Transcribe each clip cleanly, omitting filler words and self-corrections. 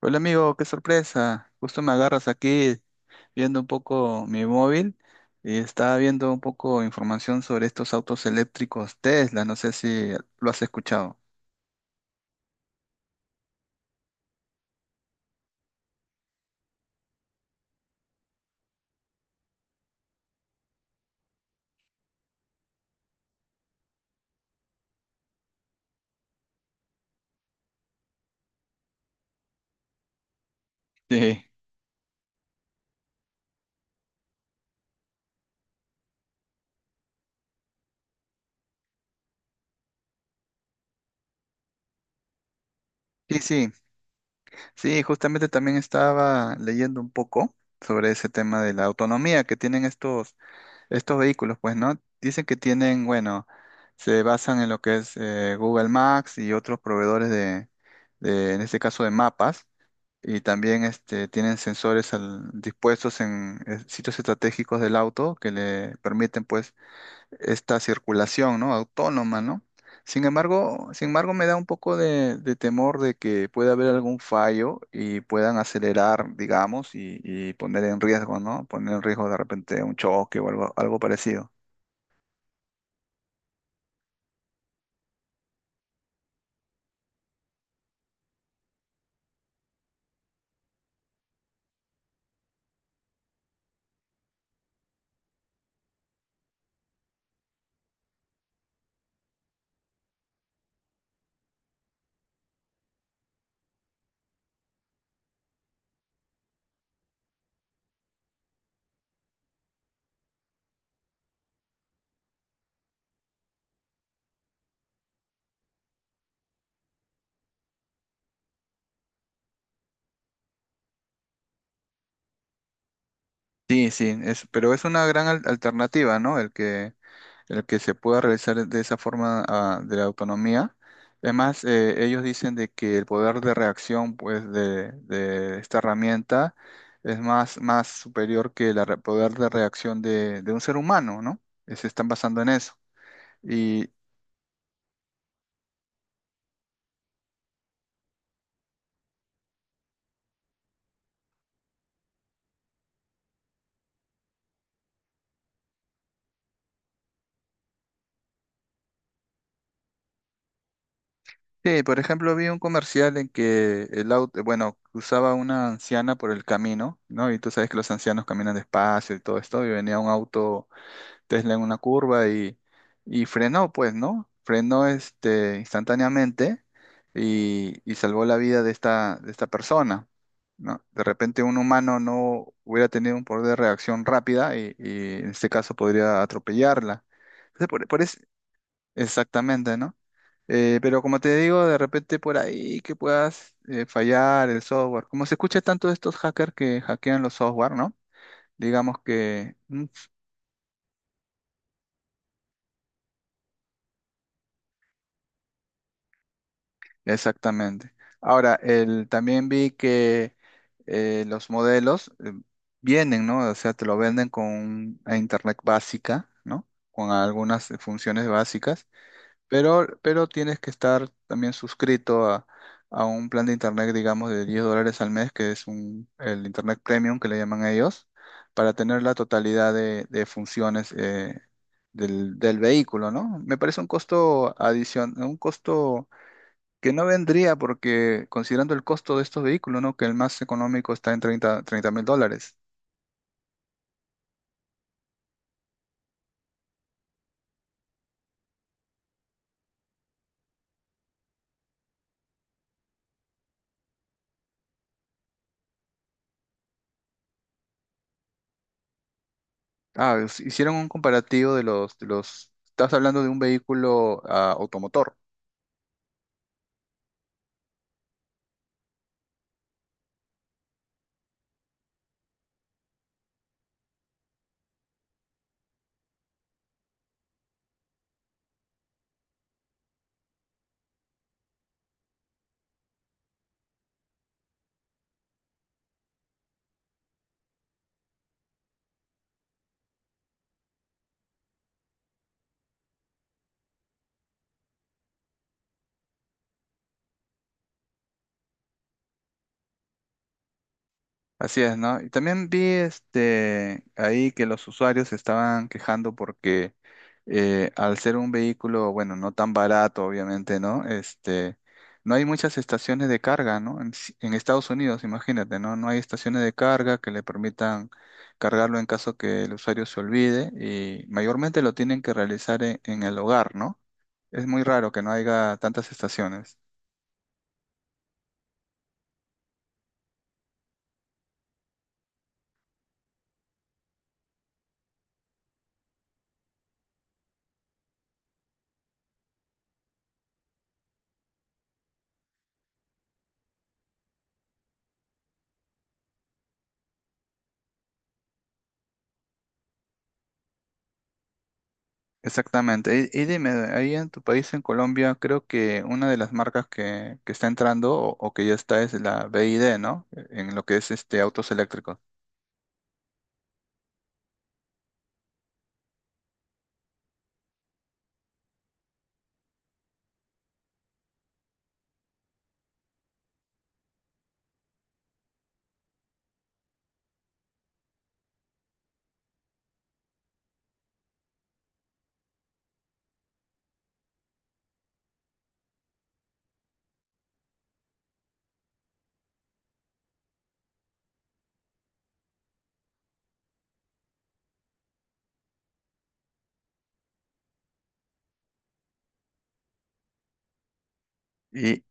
Hola amigo, qué sorpresa. Justo me agarras aquí viendo un poco mi móvil y estaba viendo un poco información sobre estos autos eléctricos Tesla. No sé si lo has escuchado. Sí. Sí, sí, sí, justamente también estaba leyendo un poco sobre ese tema de la autonomía que tienen estos vehículos, pues, ¿no? Dicen que tienen, bueno, se basan en lo que es Google Maps y otros proveedores de, en este caso, de mapas. Y también este, tienen sensores dispuestos en sitios estratégicos del auto que le permiten pues esta circulación, ¿no? Autónoma, ¿no? Sin embargo, sin embargo, me da un poco de temor de que pueda haber algún fallo y puedan acelerar, digamos, y poner en riesgo, ¿no? Poner en riesgo de repente un choque o algo, algo parecido. Sí, sí, es, pero es una gran alternativa, ¿no? El que se pueda realizar de esa forma ah, de la autonomía. Además, ellos dicen de que el poder de reacción pues, de esta herramienta es más, más superior que el poder de reacción de un ser humano, ¿no? Se están basando en eso. Y sí, por ejemplo, vi un comercial en que el auto, bueno, cruzaba una anciana por el camino, ¿no? Y tú sabes que los ancianos caminan despacio y todo esto, y venía un auto Tesla en una curva y frenó, pues, ¿no? Frenó este, instantáneamente y salvó la vida de esta persona, ¿no? De repente un humano no hubiera tenido un poder de reacción rápida y en este caso podría atropellarla. Entonces, exactamente, ¿no? Pero como te digo, de repente por ahí que puedas fallar el software. Como se escucha tanto de estos hackers que hackean los software, ¿no? Digamos que mm, Exactamente. Ahora, el, también vi que los modelos vienen, ¿no? O sea, te lo venden con una internet básica, ¿no? Con algunas funciones básicas, pero tienes que estar también suscrito a un plan de internet, digamos, de $10 al mes, que es un, el internet premium que le llaman ellos, para tener la totalidad de funciones del, del vehículo, ¿no? Me parece un costo adicional, un costo que no vendría porque considerando el costo de estos vehículos, ¿no? Que el más económico está en 30, 30 mil dólares. Ah, hicieron un comparativo de los, estás hablando de un vehículo ah, automotor. Así es, ¿no? Y también vi este ahí que los usuarios se estaban quejando porque al ser un vehículo, bueno, no tan barato, obviamente, ¿no? Este, no hay muchas estaciones de carga, ¿no? En, en Estados Unidos, imagínate, ¿no? No hay estaciones de carga que le permitan cargarlo en caso que el usuario se olvide y mayormente lo tienen que realizar en el hogar, ¿no? Es muy raro que no haya tantas estaciones. Exactamente. Y dime, ahí en tu país, en Colombia, creo que una de las marcas que está entrando o que ya está es la BID, ¿no? En lo que es este autos eléctricos. Y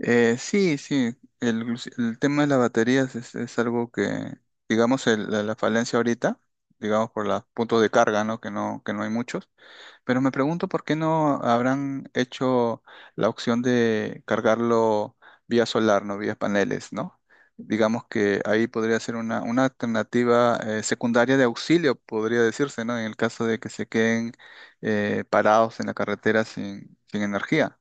sí, sí, el, el tema de las baterías es algo que, digamos, la, la falencia ahorita, digamos, por los puntos de carga, ¿no? Que no, que no hay muchos. Pero me pregunto por qué no habrán hecho la opción de cargarlo vía solar, no vía paneles, ¿no? Digamos que ahí podría ser una alternativa secundaria de auxilio, podría decirse, ¿no? En el caso de que se queden parados en la carretera sin, sin energía.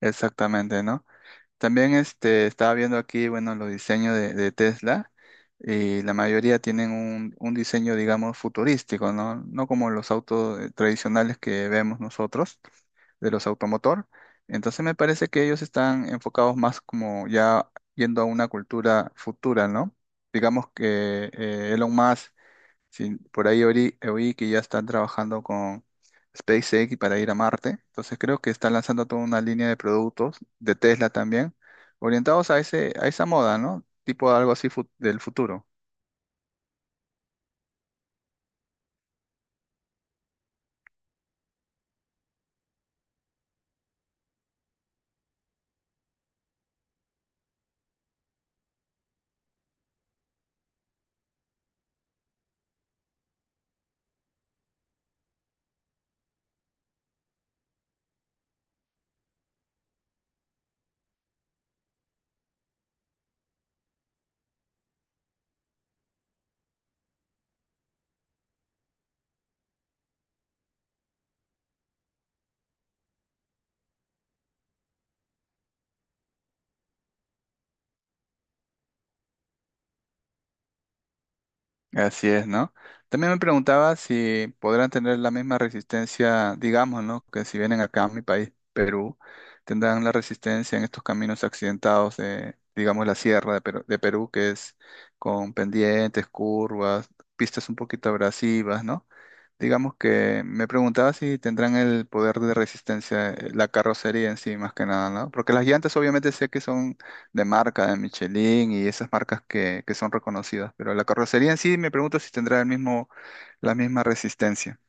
Exactamente, ¿no? También este, estaba viendo aquí, bueno, los diseños de Tesla. Y la mayoría tienen un diseño, digamos, futurístico, ¿no? No como los autos tradicionales que vemos nosotros, de los automotor. Entonces me parece que ellos están enfocados más como ya yendo a una cultura futura, ¿no? Digamos que Elon Musk, si por ahí oí que ya están trabajando con SpaceX para ir a Marte. Entonces creo que están lanzando toda una línea de productos, de Tesla también, orientados a ese, a esa moda, ¿no? Tipo algo así del futuro. Así es, ¿no? También me preguntaba si podrán tener la misma resistencia, digamos, ¿no? Que si vienen acá a mi país, Perú, tendrán la resistencia en estos caminos accidentados de, digamos, la sierra de Perú, que es con pendientes, curvas, pistas un poquito abrasivas, ¿no? Digamos que me preguntaba si tendrán el poder de resistencia, la carrocería en sí, más que nada, ¿no? Porque las llantas obviamente sé que son de marca, de Michelin y esas marcas que son reconocidas. Pero la carrocería en sí me pregunto si tendrá el mismo, la misma resistencia.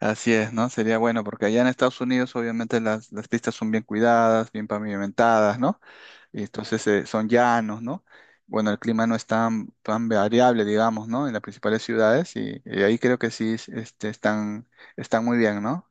Así es, ¿no? Sería bueno, porque allá en Estados Unidos obviamente las pistas son bien cuidadas, bien pavimentadas, ¿no? Y entonces son llanos, ¿no? Bueno, el clima no es tan, tan variable, digamos, ¿no? En las principales ciudades y ahí creo que sí este, están, están muy bien, ¿no?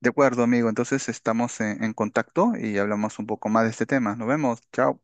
De acuerdo, amigo. Entonces estamos en contacto y hablamos un poco más de este tema. Nos vemos. Chao.